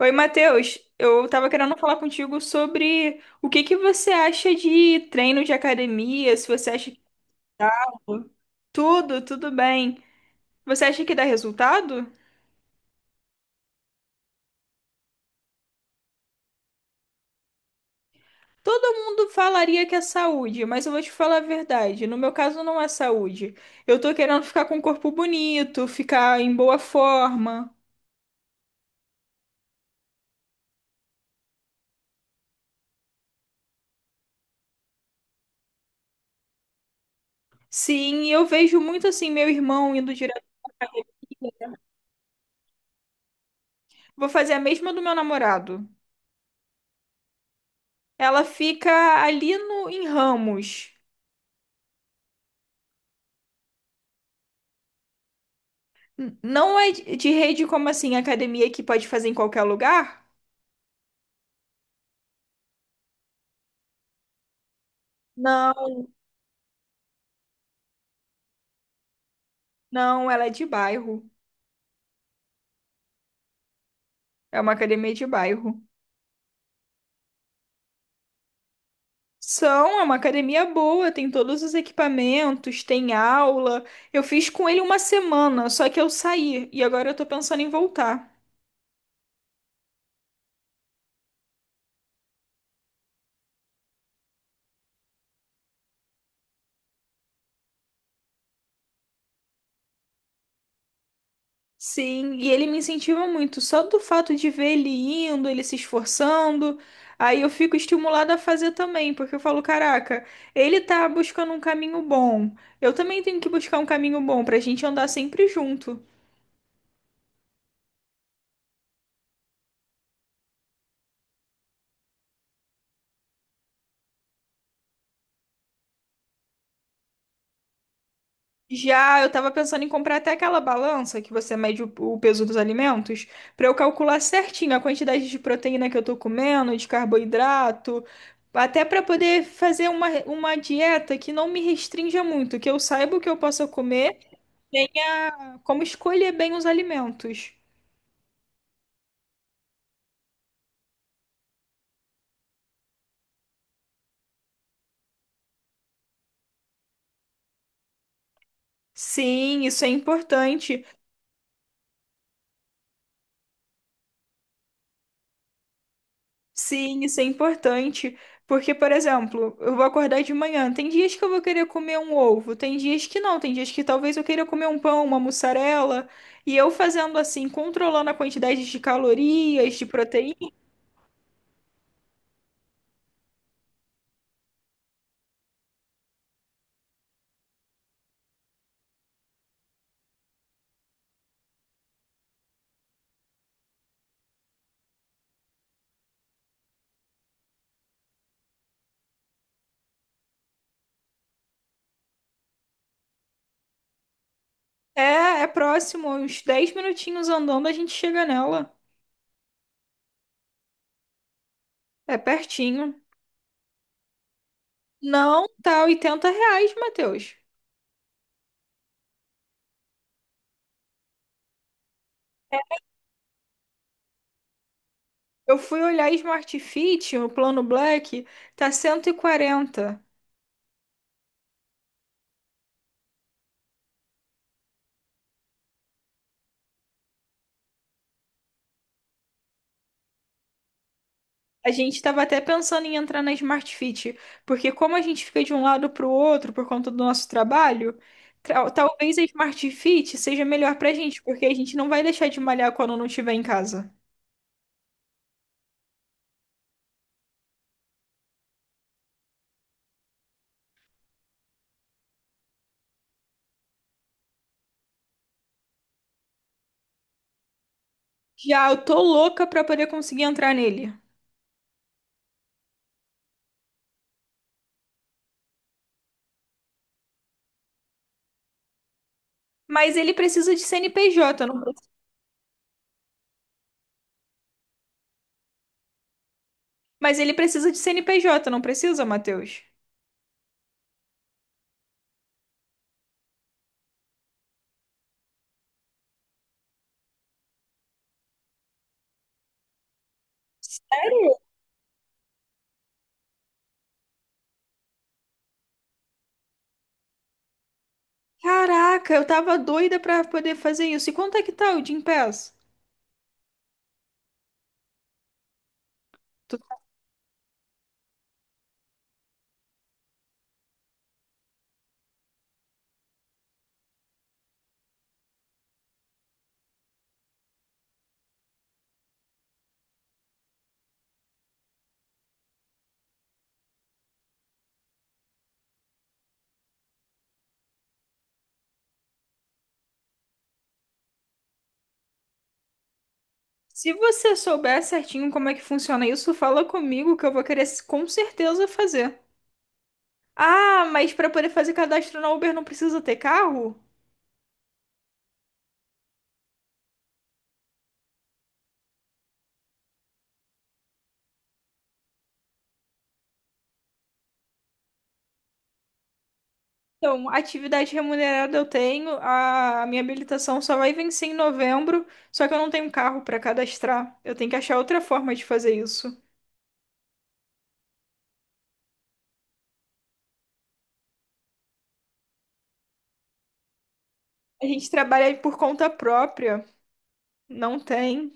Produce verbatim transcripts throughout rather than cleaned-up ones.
Oi, Matheus. Eu tava querendo falar contigo sobre o que que você acha de treino de academia, se você acha que dá. Tudo, tudo bem. Você acha que dá resultado? Todo mundo falaria que é saúde, mas eu vou te falar a verdade. No meu caso, não é saúde. Eu tô querendo ficar com um corpo bonito, ficar em boa forma. Sim, e eu vejo muito assim meu irmão indo direto. Vou fazer a mesma do meu namorado. Ela fica ali no, em Ramos. N- Não é de de rede, como assim, academia que pode fazer em qualquer lugar? Não, não, ela é de bairro. É uma academia de bairro. São, é uma academia boa, tem todos os equipamentos, tem aula. Eu fiz com ele uma semana, só que eu saí e agora eu tô pensando em voltar. Sim, e ele me incentiva muito, só do fato de ver ele indo, ele se esforçando, aí eu fico estimulada a fazer também, porque eu falo, caraca, ele tá buscando um caminho bom, eu também tenho que buscar um caminho bom pra gente andar sempre junto. Já, eu tava pensando em comprar até aquela balança que você mede o, o peso dos alimentos, pra eu calcular certinho a quantidade de proteína que eu tô comendo, de carboidrato, até pra poder fazer uma, uma dieta que não me restrinja muito, que eu saiba o que eu possa comer, tenha como escolher bem os alimentos. Sim, isso é importante. Sim, isso é importante, porque, por exemplo, eu vou acordar de manhã. Tem dias que eu vou querer comer um ovo, tem dias que não, tem dias que talvez eu queira comer um pão, uma mussarela. E eu fazendo assim, controlando a quantidade de calorias, de proteína, é, é próximo, uns dez minutinhos andando a gente chega nela. É pertinho. Não, tá oitenta reais, Matheus. Eu fui olhar Smart Fit, o plano Black, tá cento e quarenta. A gente estava até pensando em entrar na Smart Fit, porque como a gente fica de um lado para o outro por conta do nosso trabalho, tra- talvez a Smart Fit seja melhor para a gente, porque a gente não vai deixar de malhar quando não estiver em casa. Já, eu tô louca para poder conseguir entrar nele. Mas ele precisa de C N P J, não precisa? Mas ele precisa de C N P J, não precisa, Matheus? Caraca, eu tava doida pra poder fazer isso. E quanto é que tá o Gympass? Se você souber certinho como é que funciona isso, fala comigo que eu vou querer, s- com certeza, fazer. Ah, mas para poder fazer cadastro na Uber não precisa ter carro? Então, atividade remunerada eu tenho, a minha habilitação só vai vencer em novembro, só que eu não tenho carro para cadastrar. Eu tenho que achar outra forma de fazer isso. A gente trabalha por conta própria, não tem.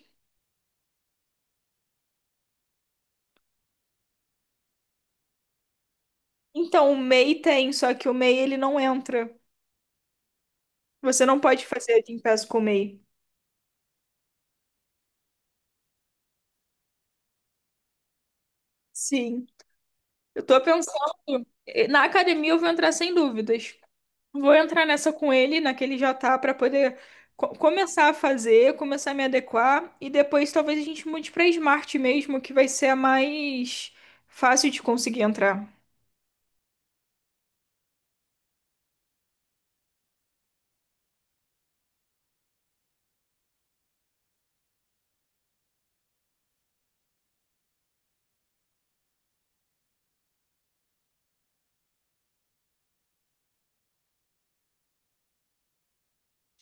Então, o M E I tem, só que o M E I ele não entra. Você não pode fazer de impasse com o M E I. Sim. Eu tô pensando, eh, na academia eu vou entrar sem dúvidas. Vou entrar nessa com ele, naquele já tá, pra poder co- começar a fazer, começar a me adequar, e depois talvez a gente mude pra Smart mesmo, que vai ser a mais fácil de conseguir entrar.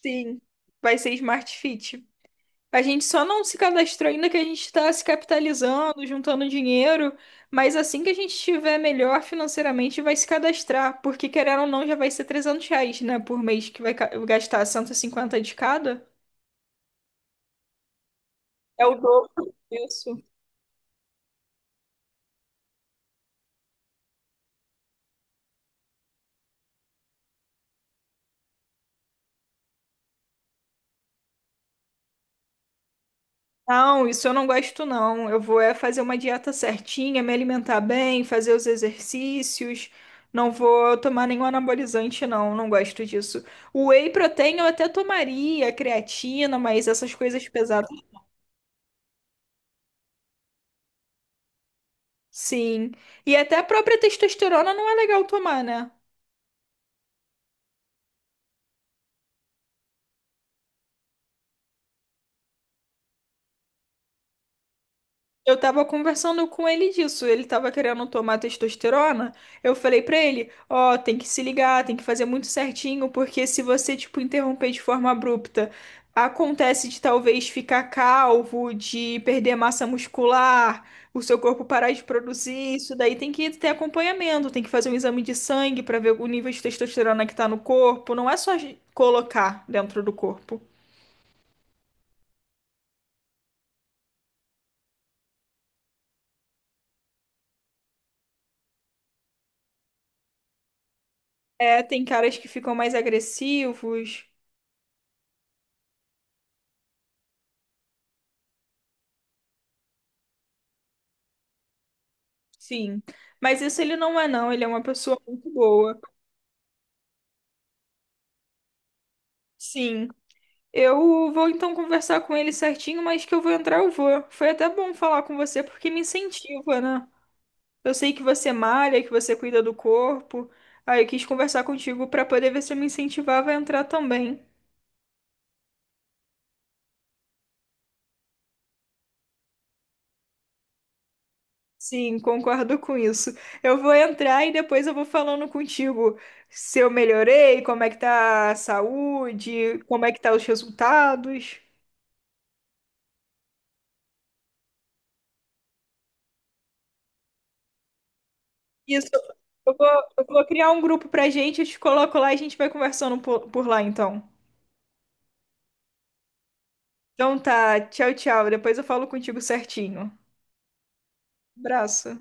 Sim, vai ser Smart Fit. A gente só não se cadastrou ainda, que a gente está se capitalizando, juntando dinheiro, mas assim que a gente estiver melhor financeiramente, vai se cadastrar, porque querendo ou não, já vai ser trezentos reais, né, por mês, que vai ca- gastar cento e cinquenta de cada. É o dobro disso. Não, isso eu não gosto, não. Eu vou é fazer uma dieta certinha, me alimentar bem, fazer os exercícios. Não vou tomar nenhum anabolizante, não. Não gosto disso. O whey protein eu até tomaria, creatina, mas essas coisas pesadas. Sim. E até a própria testosterona não é legal tomar, né? Eu tava conversando com ele disso. Ele tava querendo tomar testosterona. Eu falei pra ele, ó, tem que se ligar, tem que fazer muito certinho, porque se você, tipo, interromper de forma abrupta, acontece de talvez ficar calvo, de perder massa muscular, o seu corpo parar de produzir. Isso daí tem que ter acompanhamento, tem que fazer um exame de sangue pra ver o nível de testosterona que tá no corpo. Não é só colocar dentro do corpo. É, tem caras que ficam mais agressivos, sim. Mas isso ele não é, não. Ele é uma pessoa muito boa. Sim. Eu vou então conversar com ele certinho, mas que eu vou entrar, eu vou. Foi até bom falar com você porque me incentiva, né? Eu sei que você malha, que você cuida do corpo. Aí eu quis conversar contigo pra poder ver se eu me incentivava a entrar também. Sim, concordo com isso. Eu vou entrar e depois eu vou falando contigo se eu melhorei, como é que tá a saúde, como é que tá os resultados. Isso. Eu vou, eu vou criar um grupo pra gente, eu te coloco lá e a gente vai conversando por, por lá então. Então tá, tchau, tchau. Depois eu falo contigo certinho. Abraço.